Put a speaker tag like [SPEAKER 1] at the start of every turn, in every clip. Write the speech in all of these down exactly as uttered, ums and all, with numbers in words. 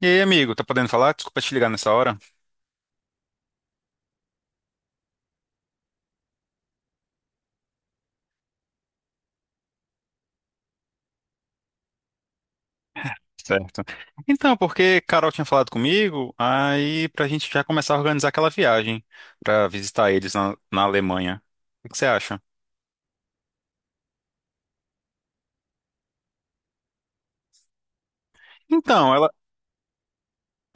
[SPEAKER 1] E aí, amigo, tá podendo falar? Desculpa te ligar nessa hora. Certo. Então, porque Carol tinha falado comigo, aí pra gente já começar a organizar aquela viagem pra visitar eles na, na Alemanha. O que você acha? Então, ela,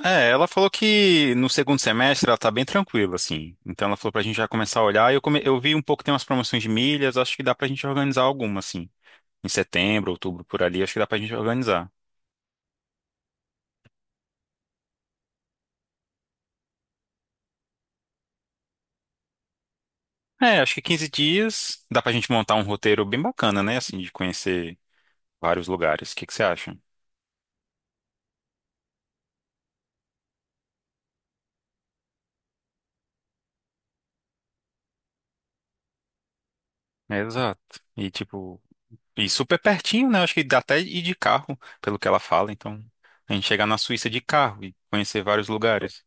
[SPEAKER 1] é, ela falou que no segundo semestre ela tá bem tranquila, assim. Então ela falou pra gente já começar a olhar. Eu, come- eu vi um pouco, tem umas promoções de milhas, acho que dá pra gente organizar alguma, assim. Em setembro, outubro, por ali, acho que dá pra gente organizar. É, acho que quinze dias dá pra gente montar um roteiro bem bacana, né? Assim, de conhecer vários lugares. O que que você acha? Exato. E tipo, e super pertinho, né? Acho que dá até ir de carro, pelo que ela fala. Então, a gente chegar na Suíça de carro e conhecer vários lugares.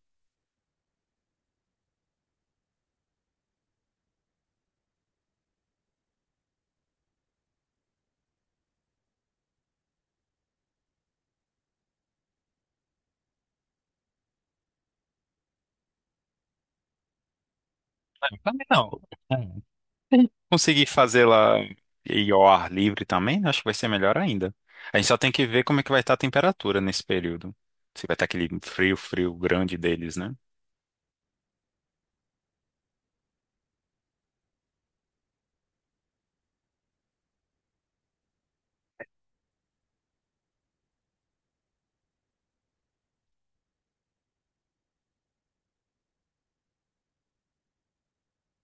[SPEAKER 1] Eu também não. É. Conseguir fazer lá e ao ar livre também, né, acho que vai ser melhor ainda. A gente só tem que ver como é que vai estar a temperatura nesse período. Se vai estar aquele frio, frio grande deles, né?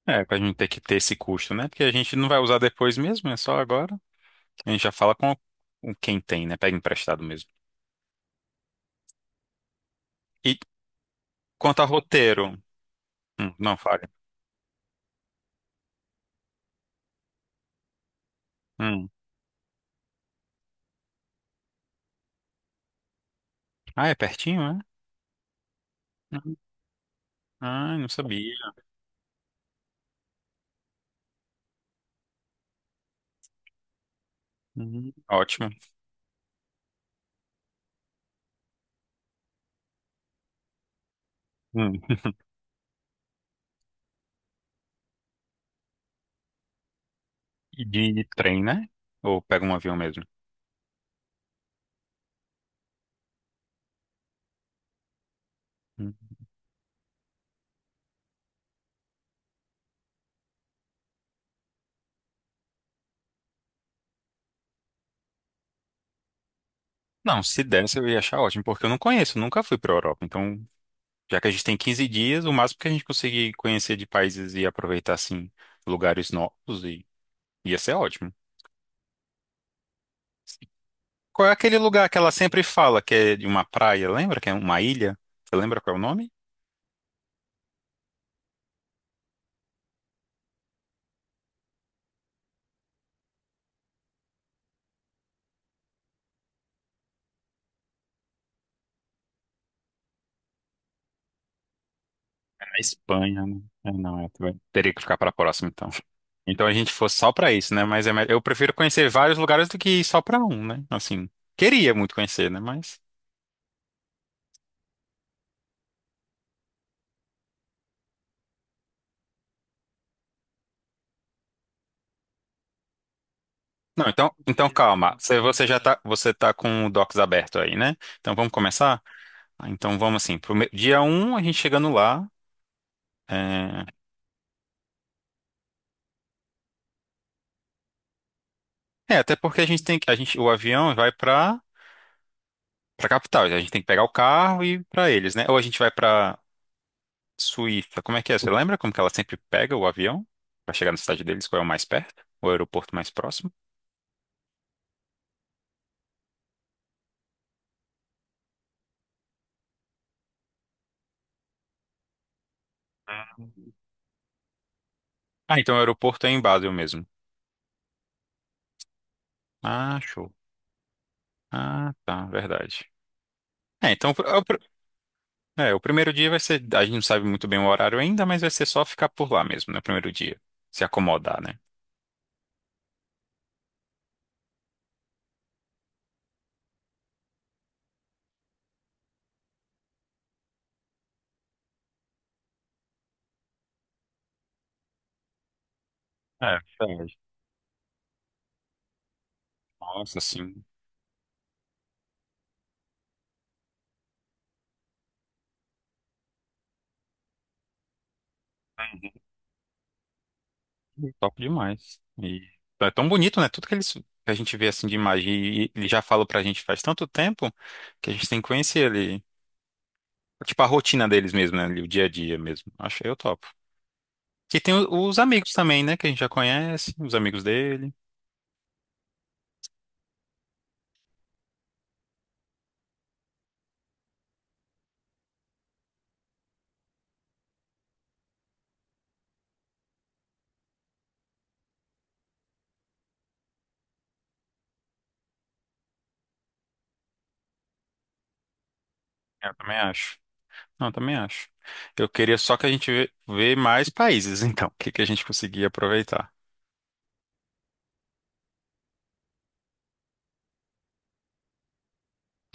[SPEAKER 1] É, pra gente ter que ter esse custo, né? Porque a gente não vai usar depois mesmo, é só agora. A gente já fala com com quem tem, né? Pega emprestado mesmo. E quanto a roteiro? Hum, não, fale. Hum. Ah, é pertinho, é? Hum. Ah, não sabia. Hum, Ótimo. Hum. E de trem, né? Ou pega um avião mesmo? Hum. Não, se desse eu ia achar ótimo, porque eu não conheço, nunca fui para Europa. Então, já que a gente tem quinze dias, o máximo que a gente conseguir conhecer de países e aproveitar, assim, lugares novos, e ia ser ótimo. Qual é aquele lugar que ela sempre fala que é de uma praia, lembra? Que é uma ilha? Você lembra qual é o nome? A Espanha, né? É, não, é, vai- teria que ficar para a próxima, então. Então a gente fosse só para isso, né? Mas é me- eu prefiro conhecer vários lugares do que ir só para um, né? Assim, queria muito conhecer, né? Mas. Não, então, então calma. Você, você já tá, você tá com o Docs aberto aí, né? Então vamos começar? Ah, então vamos assim, pro me- dia um a gente chegando lá. É... É, até porque a gente tem que. A gente, o avião vai para para capital. A gente tem que pegar o carro e ir para eles, né? Ou a gente vai para Suíça, como é que é? Você lembra como que ela sempre pega o avião para chegar na cidade deles? Qual é o mais perto? O aeroporto mais próximo? Ah, então o aeroporto é em Basel mesmo. Ah, show. Ah, tá, verdade. É, então é, o pr- é, o primeiro dia vai ser. A gente não sabe muito bem o horário ainda, mas vai ser só ficar por lá mesmo, né? O primeiro dia. Se acomodar, né? É, verdade. Nossa, assim. Uhum. Top demais. E é tão bonito, né? Tudo que eles. Que a gente vê assim de imagem e ele já falou pra gente faz tanto tempo que a gente tem que conhecer ele. Tipo, a rotina deles mesmo, né? O dia a dia mesmo. Acho eu topo. E tem o- os amigos também, né? Que a gente já conhece, os amigos dele. Eu também acho. Não, eu também acho. Eu queria só que a gente vê, vê mais países, então. O que, que a gente conseguia aproveitar.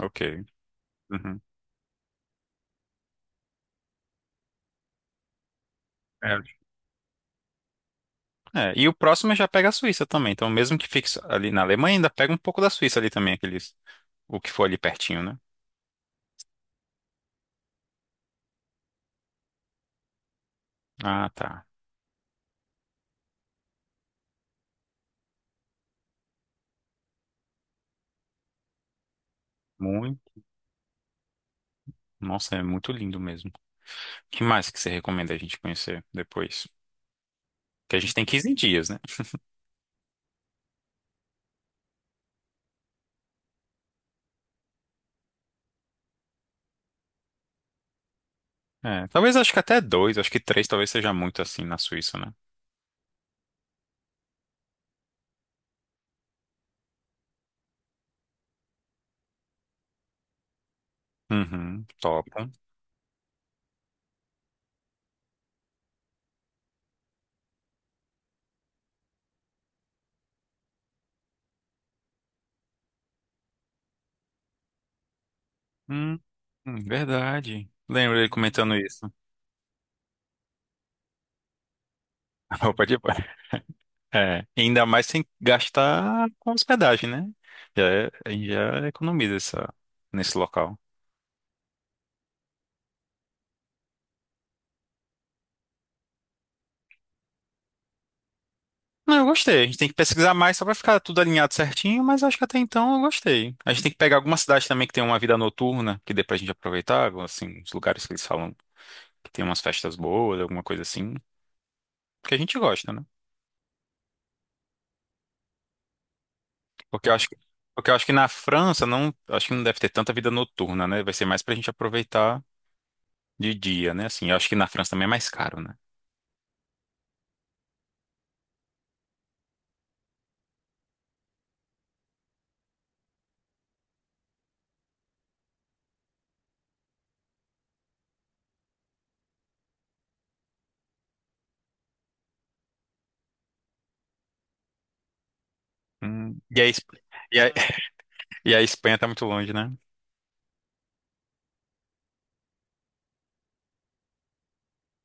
[SPEAKER 1] Ok. Uhum. É. É, e o próximo já pega a Suíça também. Então, mesmo que fique só ali na Alemanha, ainda pega um pouco da Suíça ali também, aqueles, o que for ali pertinho, né? Ah, tá. Muito. Nossa, é muito lindo mesmo. O que mais que você recomenda a gente conhecer depois? Que a gente tem quinze dias, né? É, talvez acho que até dois, acho que três talvez seja muito assim na Suíça, né? Uhum, top. Hum, hum, verdade. Lembro ele comentando isso. A roupa de banho. É, ainda mais sem gastar com hospedagem, né? Já, é- a gente já economiza essa, nesse local. Não, eu gostei. A gente tem que pesquisar mais só pra ficar tudo alinhado certinho, mas acho que até então eu gostei. A gente tem que pegar alguma cidade também que tem uma vida noturna, que dê pra gente aproveitar, assim, os lugares que eles falam que tem umas festas boas, alguma coisa assim, que a gente gosta, né? Porque eu acho, que- porque eu acho que na França não, acho que não deve ter tanta vida noturna, né? Vai ser mais pra gente aproveitar de dia, né? Assim, eu acho que na França também é mais caro, né? Hum, e a, Es- e a, e a Espanha tá muito longe, né?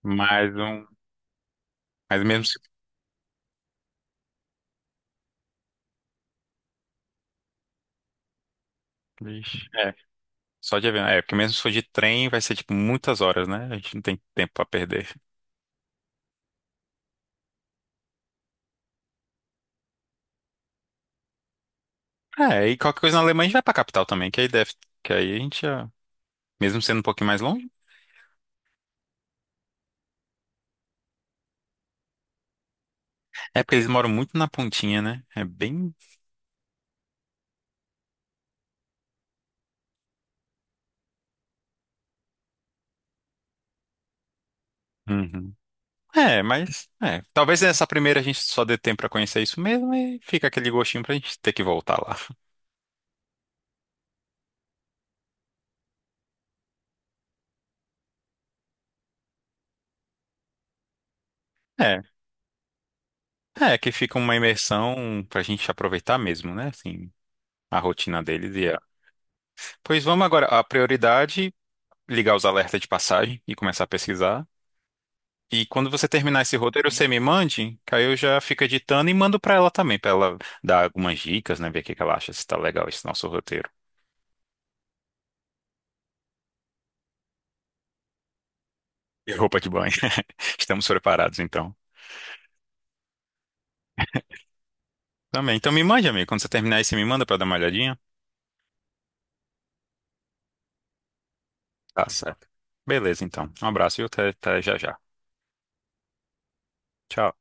[SPEAKER 1] Mais um, mas mesmo se, vixe. É, só de avião, é, porque mesmo se for de trem vai ser tipo muitas horas, né? A gente não tem tempo pra perder. É, e qualquer coisa na Alemanha a gente vai pra capital também, que aí deve, que aí a gente já, mesmo sendo um pouquinho mais longe, é porque eles moram muito na pontinha, né? É bem, uhum. É, mas é, talvez nessa primeira a gente só dê tempo pra conhecer isso mesmo e fica aquele gostinho pra gente ter que voltar lá. É, é que fica uma imersão pra gente aproveitar mesmo, né? Assim, a rotina deles e a... Pois vamos agora, a prioridade, ligar os alertas de passagem e começar a pesquisar. E quando você terminar esse roteiro, você me mande, que aí eu já fico editando e mando pra ela também, pra ela dar algumas dicas, né? Ver o que que ela acha, se tá legal esse nosso roteiro. E roupa de banho. Estamos preparados, então. Também. Então me mande, amigo. Quando você terminar aí, você me manda pra dar uma olhadinha. Tá certo. Beleza, então. Um abraço e até, até já já. Tchau.